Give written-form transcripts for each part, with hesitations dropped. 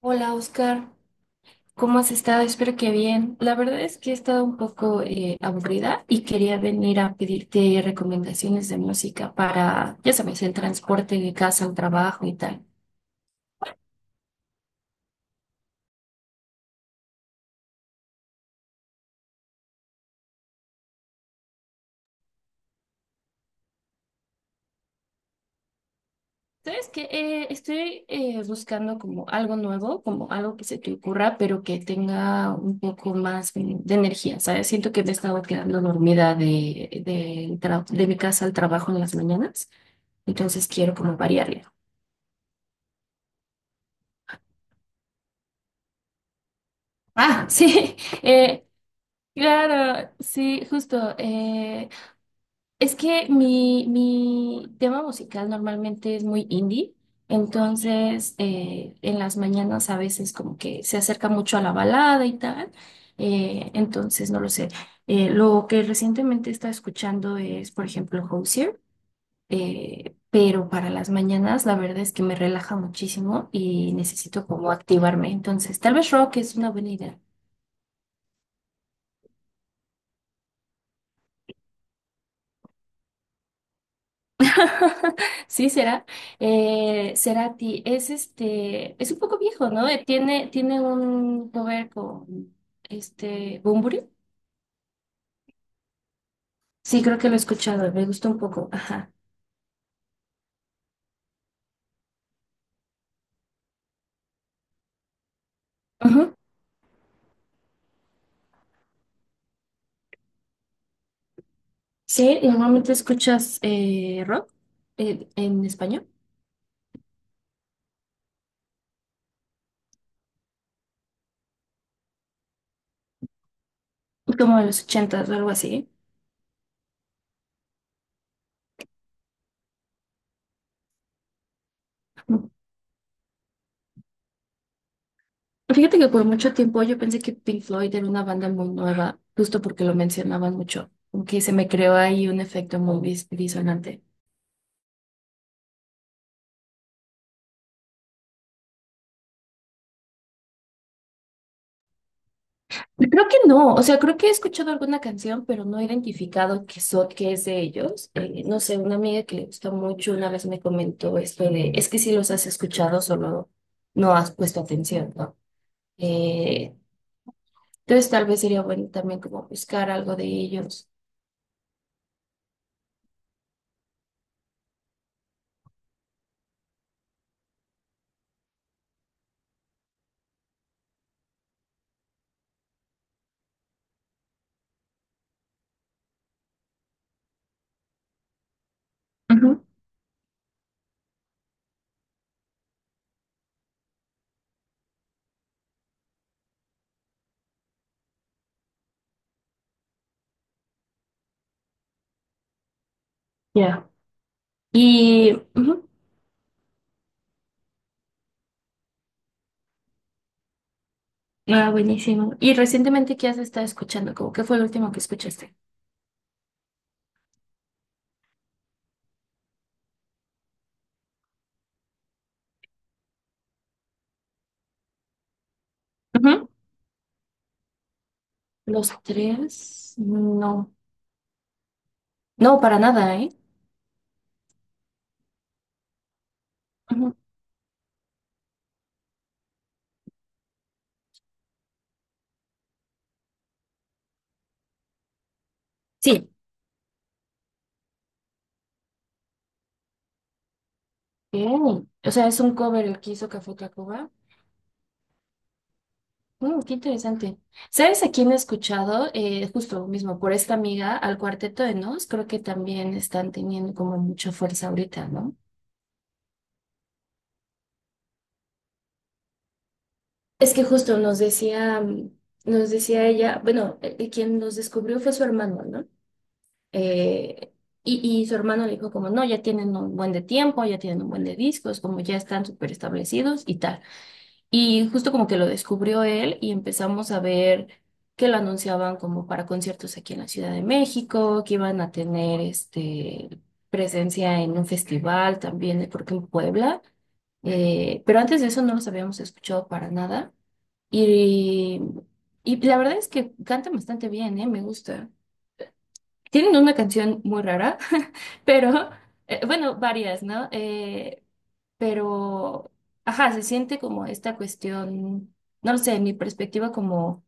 Hola Oscar, ¿cómo has estado? Espero que bien. La verdad es que he estado un poco aburrida y quería venir a pedirte recomendaciones de música para, ya sabes, el transporte de casa al trabajo y tal. Sabes que estoy buscando como algo nuevo, como algo que se te ocurra, pero que tenga un poco más de energía, ¿sabes? Siento que me he estado quedando dormida de mi casa al trabajo en las mañanas, entonces quiero como variarle. Ah, sí. eh, Claro, sí, justo. Es que mi tema musical normalmente es muy indie, entonces en las mañanas a veces como que se acerca mucho a la balada y tal, entonces no lo sé. Lo que recientemente he escuchando es, por ejemplo, Hozier, pero para las mañanas la verdad es que me relaja muchísimo y necesito como activarme, entonces tal vez rock es una buena idea. Sí, será. Cerati es este, es un poco viejo, ¿no? Tiene un cover con este Bunbury. Sí, creo que lo he escuchado, me gusta un poco. Ajá. Ujú. Sí, y normalmente escuchas rock en español, como de los ochentas o algo así. Ujú. Fíjate que por mucho tiempo yo pensé que Pink Floyd era una banda muy nueva, justo porque lo mencionaban mucho, aunque se me creó ahí un efecto muy disonante. Creo que no, o sea, creo que he escuchado alguna canción, pero no he identificado que es de ellos. No sé, una amiga que le gusta mucho una vez me comentó esto de, es que si los has escuchado, solo no has puesto atención, ¿no? Eh, entonces tal vez sería bueno también como buscar algo de ellos. Ujú, ya. Y, ujú, ah, buenísimo. ¿Y recientemente qué has estado escuchando? ¿Cómo qué fue el último que escuchaste? Ujú. Los tres, no, no, para nada, ¿eh? Ujú. Sí. Ok. O sea, es un cover el que hizo Café Tacuba. Mm, qué interesante. ¿Sabes a quién he escuchado? Justo mismo, por esta amiga, al Cuarteto de Nos, creo que también están teniendo como mucha fuerza ahorita, ¿no? Es que justo nos decía, nos decía ella, bueno, quien nos descubrió fue su hermano, ¿no? Eh, y, y su hermano le dijo como, no, ya tienen un buen de tiempo, ya tienen un buen de discos, como ya están súper establecidos y tal. Y justo como que lo descubrió él y empezamos a ver que lo anunciaban como para conciertos aquí en la Ciudad de México, que iban a tener este, presencia en un festival también, creo que en Puebla. Pero antes de eso no los habíamos escuchado para nada. Y, y la verdad es que cantan bastante bien, ¿eh? Me gusta. Tienen una canción muy rara pero, bueno, varias, ¿no? Pero, ajá, se siente como esta cuestión, no lo sé, en mi perspectiva como,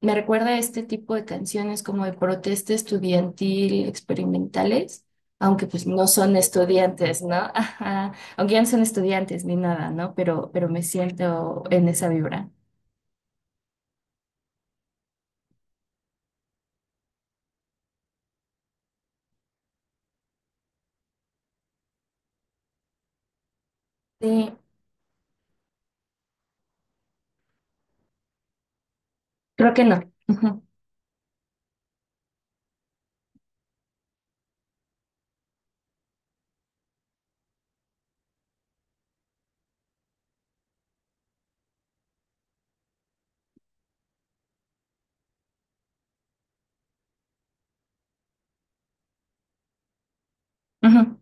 me recuerda a este tipo de canciones como de protesta estudiantil experimentales, aunque pues no son estudiantes, ¿no? Ajá, aunque ya no son estudiantes ni nada, ¿no? Pero me siento en esa vibra. Sí, creo que no. Ujú, ujú,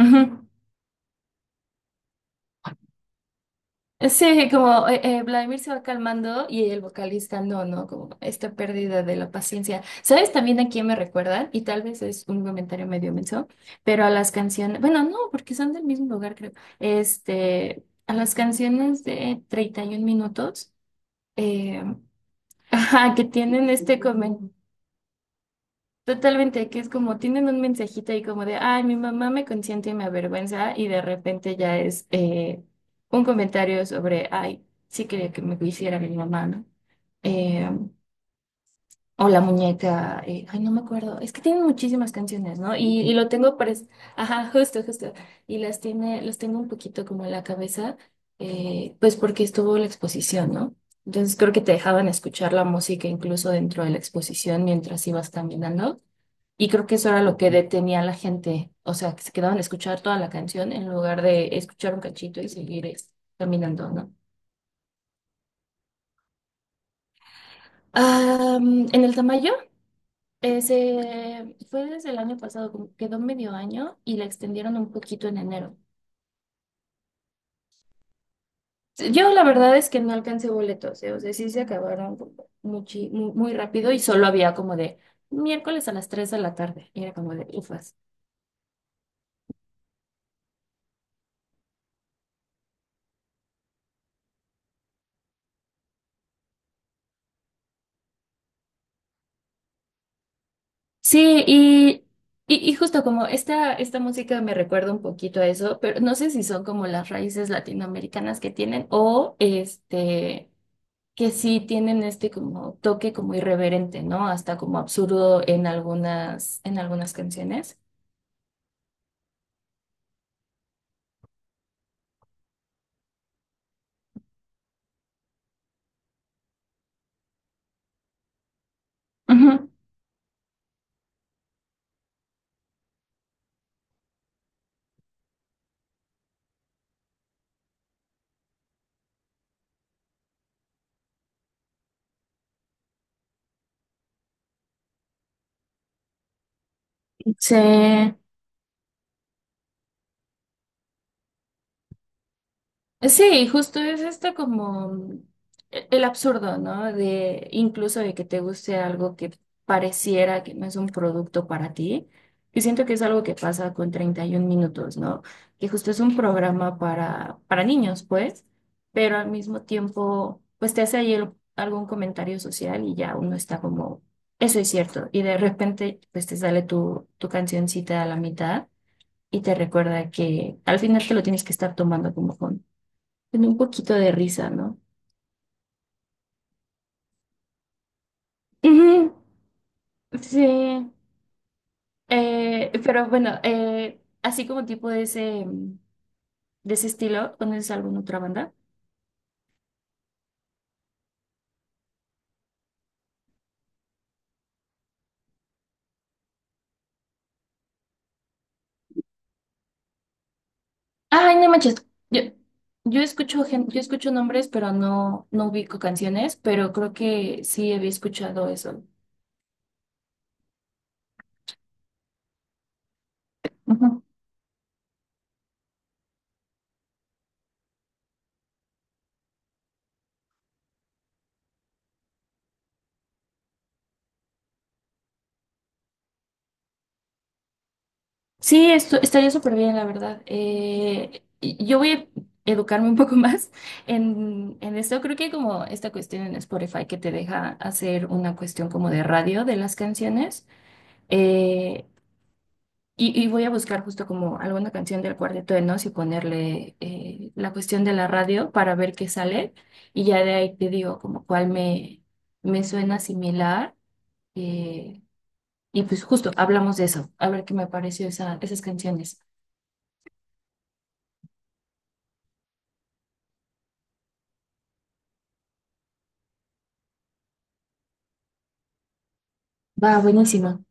ujú. Sí, como Vladimir se va calmando y el vocalista no, ¿no? Como esta pérdida de la paciencia. ¿Sabes también a quién me recuerdan? Y tal vez es un comentario medio menso, pero a las canciones, bueno, no, porque son del mismo lugar, creo. Este, a las canciones de 31 minutos, eh, ajá, que tienen este comentario. Totalmente, que es como tienen un mensajito ahí como de, ay, mi mamá me consiente y me avergüenza, y de repente ya es un comentario sobre, ay, sí quería que me hiciera mi mamá, ¿no? Eh, o la muñeca, ay, no me acuerdo, es que tienen muchísimas canciones, ¿no? Y lo tengo, ajá, justo, justo, y las tiene, los tengo un poquito como en la cabeza, pues porque estuvo la exposición, ¿no? Entonces creo que te dejaban escuchar la música incluso dentro de la exposición mientras ibas caminando. Y creo que eso era lo que detenía a la gente, o sea, que se quedaban a escuchar toda la canción en lugar de escuchar un cachito y seguir caminando, ¿no? Ah, en el Tamayo, se fue desde el año pasado, como quedó medio año y la extendieron un poquito en enero. Yo la verdad es que no alcancé boletos, ¿eh? O sea, sí se acabaron muy, rápido y solo había como de miércoles a las 3 de la tarde. Y era como de, ufa, sí, y justo como esta música me recuerda un poquito a eso, pero no sé si son como las raíces latinoamericanas que tienen o este, que sí tienen este como toque como irreverente, ¿no? Hasta como absurdo en algunas canciones. Ujú. Sí. Sí, justo es esto como el absurdo, ¿no? De incluso de que te guste algo que pareciera que no es un producto para ti, que siento que es algo que pasa con 31 minutos, ¿no? Que justo es un programa para niños, pues, pero al mismo tiempo, pues te hace ahí algún comentario social y ya uno está como, eso es cierto, y de repente, pues te sale tu cancioncita a la mitad y te recuerda que al final te lo tienes que estar tomando como con tiene un poquito de risa, ¿no? Ujú, sí, pero bueno, así como tipo de ese estilo, ¿conoces alguna otra banda? Ay, no manches, yo, yo escucho yo escucho nombres, pero no, no ubico canciones, pero creo que sí había escuchado eso. Sí, esto, estaría súper bien, la verdad. Yo voy a educarme un poco más en esto. Creo que hay como esta cuestión en Spotify que te deja hacer una cuestión como de radio de las canciones. Eh, y, y voy a buscar justo como alguna canción del Cuarteto de Nos y ponerle la cuestión de la radio para ver qué sale. Y ya de ahí te digo como cuál me, me suena similar. Eh, y pues justo hablamos de eso, a ver qué me pareció esa, esas canciones. Va, buenísimo.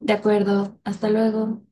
De acuerdo. Hasta luego.